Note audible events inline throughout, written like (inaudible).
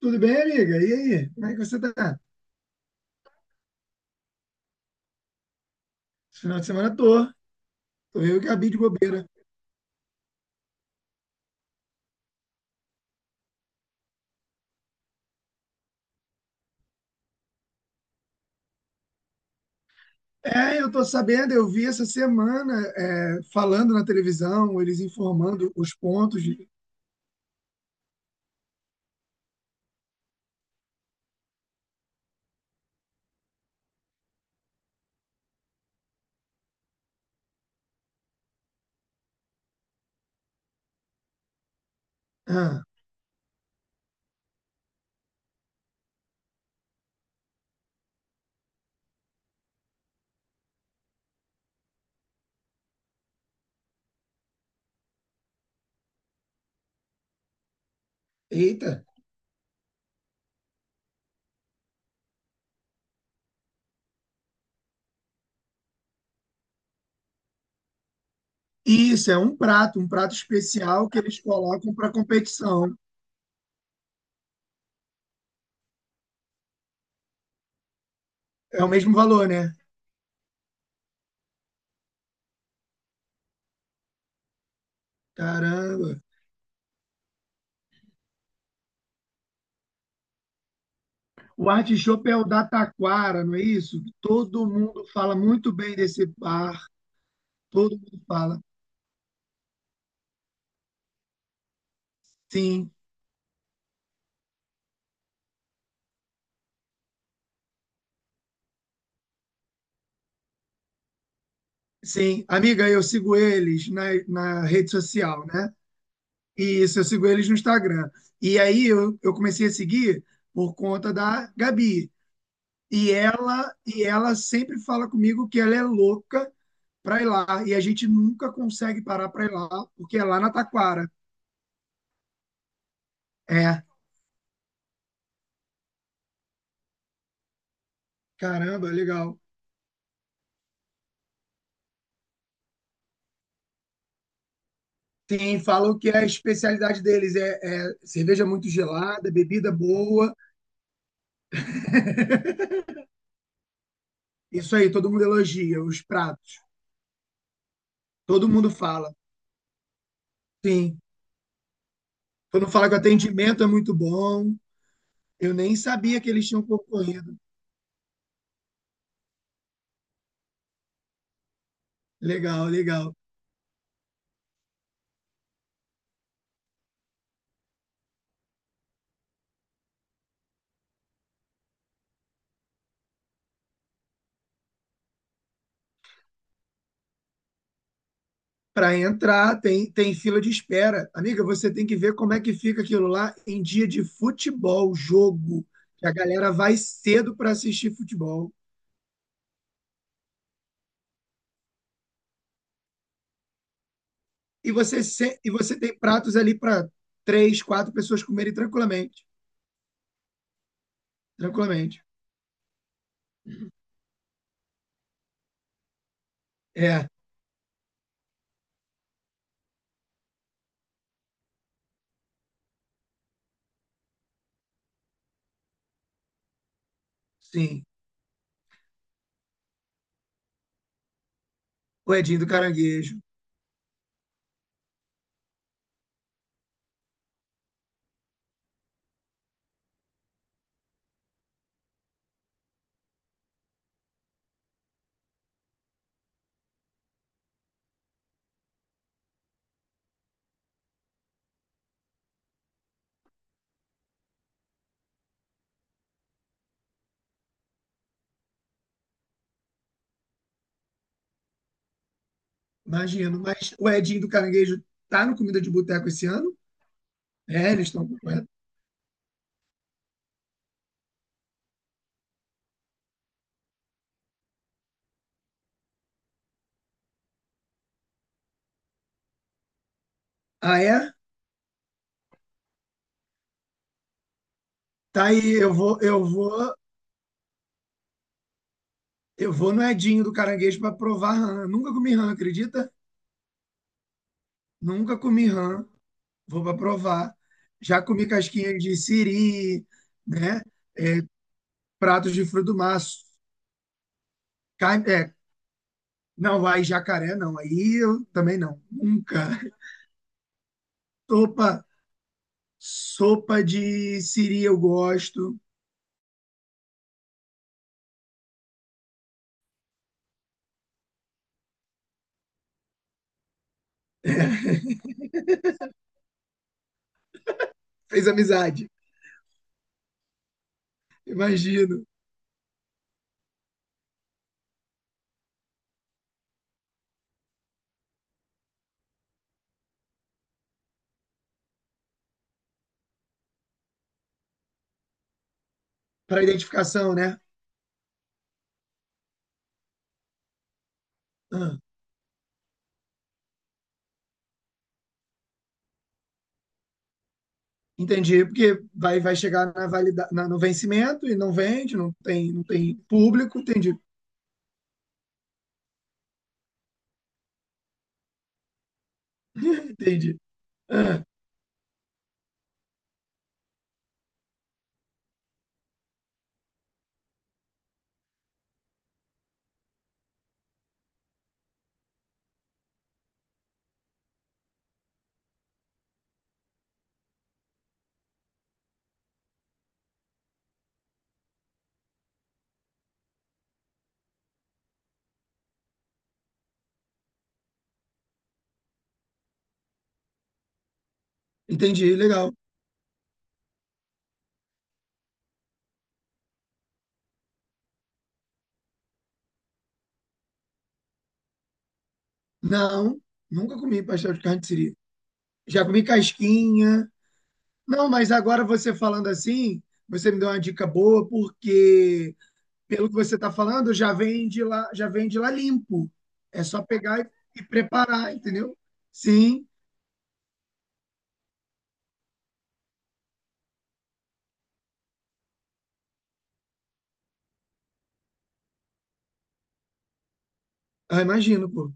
Tudo bem, amiga? E aí? Como é que você tá? Esse final de semana tô. Tô eu e Gabi de bobeira. Eu tô sabendo, eu vi essa semana falando na televisão, eles informando os pontos de. Ah, eita! Isso, é um prato especial que eles colocam para competição. É o mesmo valor, né? Caramba! O artichope é o da Taquara, não é isso? Todo mundo fala muito bem desse bar, todo mundo fala. Sim. Sim, amiga, eu sigo eles na rede social, né? E isso, eu sigo eles no Instagram. E aí eu comecei a seguir por conta da Gabi. E ela sempre fala comigo que ela é louca para ir lá. E a gente nunca consegue parar para ir lá, porque é lá na Taquara. É, caramba, legal. Sim, falam que a especialidade deles é cerveja muito gelada, bebida boa. (laughs) Isso aí, todo mundo elogia os pratos. Todo mundo fala. Sim. Quando fala que o atendimento é muito bom, eu nem sabia que eles tinham concorrido. Legal, legal. Para entrar, tem fila de espera. Amiga, você tem que ver como é que fica aquilo lá em dia de futebol, jogo, que a galera vai cedo para assistir futebol. E você, se- E você tem pratos ali para três, quatro pessoas comerem tranquilamente. Tranquilamente. É, sim. O Edinho do Caranguejo. Imagino. Mas o Edinho do Caranguejo tá no Comida de Boteco esse ano? É, eles estão. Ah, é? Tá aí, eu vou no Edinho do Caranguejo para provar rã. Nunca comi rã, acredita? Nunca comi rã. Vou para provar. Já comi casquinha de siri, né? Pratos de fruto do mar. Carne, é, não, aí jacaré não. Aí eu também não. Nunca. Sopa, sopa de siri eu gosto. (laughs) fez amizade, imagino. Para identificação, né? Entendi, porque vai chegar na valida, na- no vencimento e não vende, não tem público. Entendi, entendi. Ah, entendi, legal. Não, nunca comi pastel de carne de siri. Já comi casquinha. Não, mas agora você falando assim, você me deu uma dica boa, porque pelo que você está falando, já vem de lá, já vem de lá limpo. É só pegar e preparar, entendeu? Sim, eu imagino, pô.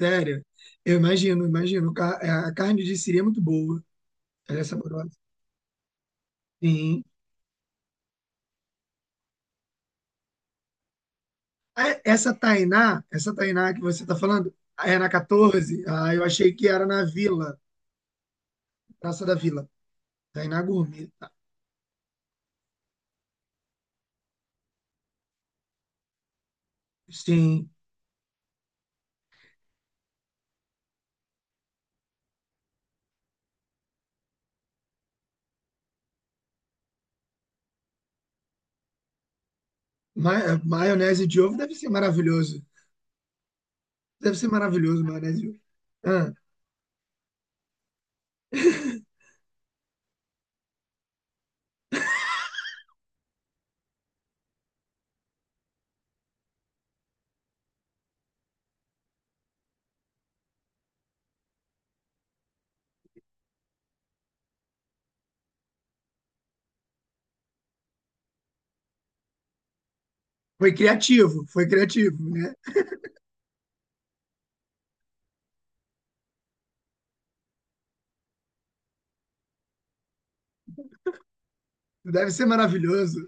Sério, eu imagino, imagino. Ca- A carne de siri é muito boa. Ela é saborosa. Sim. Ah, essa Tainá, essa Tainá que você está falando, é na 14? Ah, eu achei que era na Vila, Praça da Vila. Tainá Gourmet. Tá. Sim. Ma- é, maionese de ovo deve ser maravilhoso. Deve ser maravilhoso, maionese de ovo. Ah, (laughs) foi criativo, né? Deve ser maravilhoso.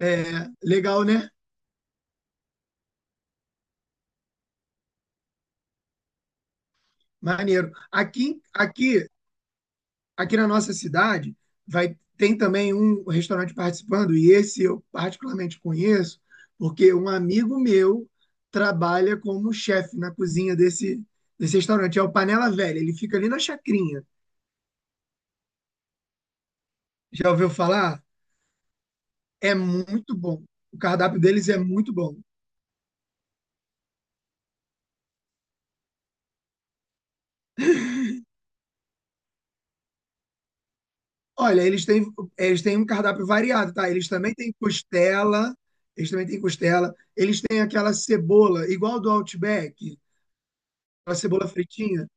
É, legal, né? Maneiro. Aqui aqui na nossa cidade vai tem também um restaurante participando e esse eu particularmente conheço porque um amigo meu trabalha como chefe na cozinha desse restaurante. É o Panela Velha. Ele fica ali na Chacrinha. Já ouviu falar? É muito bom. O cardápio deles é muito bom. Olha, eles têm um cardápio variado, tá? Eles também têm costela, eles têm aquela cebola, igual do Outback, aquela cebola fritinha.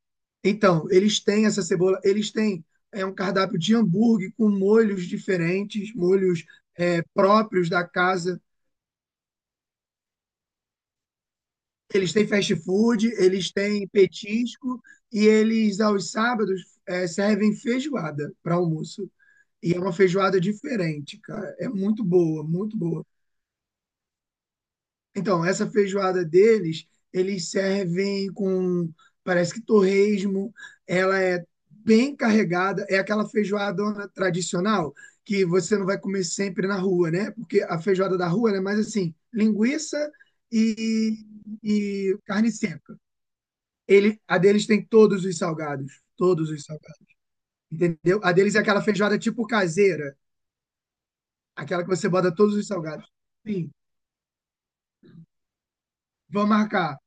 Então, eles têm essa cebola, eles têm um cardápio de hambúrguer com molhos diferentes, molhos próprios da casa. Eles têm fast food, eles têm petisco e eles, aos sábados, servem feijoada para almoço. E é uma feijoada diferente, cara. É muito boa, muito boa. Então, essa feijoada deles, eles servem com, parece que torresmo, ela é bem carregada, é aquela feijoadona tradicional que você não vai comer sempre na rua, né? Porque a feijoada da rua ela é mais assim, linguiça e, e carne seca. A deles tem todos os salgados, entendeu? A deles é aquela feijoada tipo caseira, aquela que você bota todos os salgados. Sim, vamos marcar.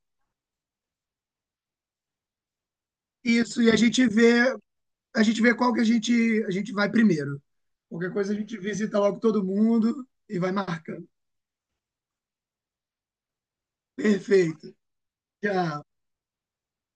Isso, e a gente vê qual que a gente vai primeiro. Qualquer coisa a gente visita logo todo mundo e vai marcando. Perfeito. Já.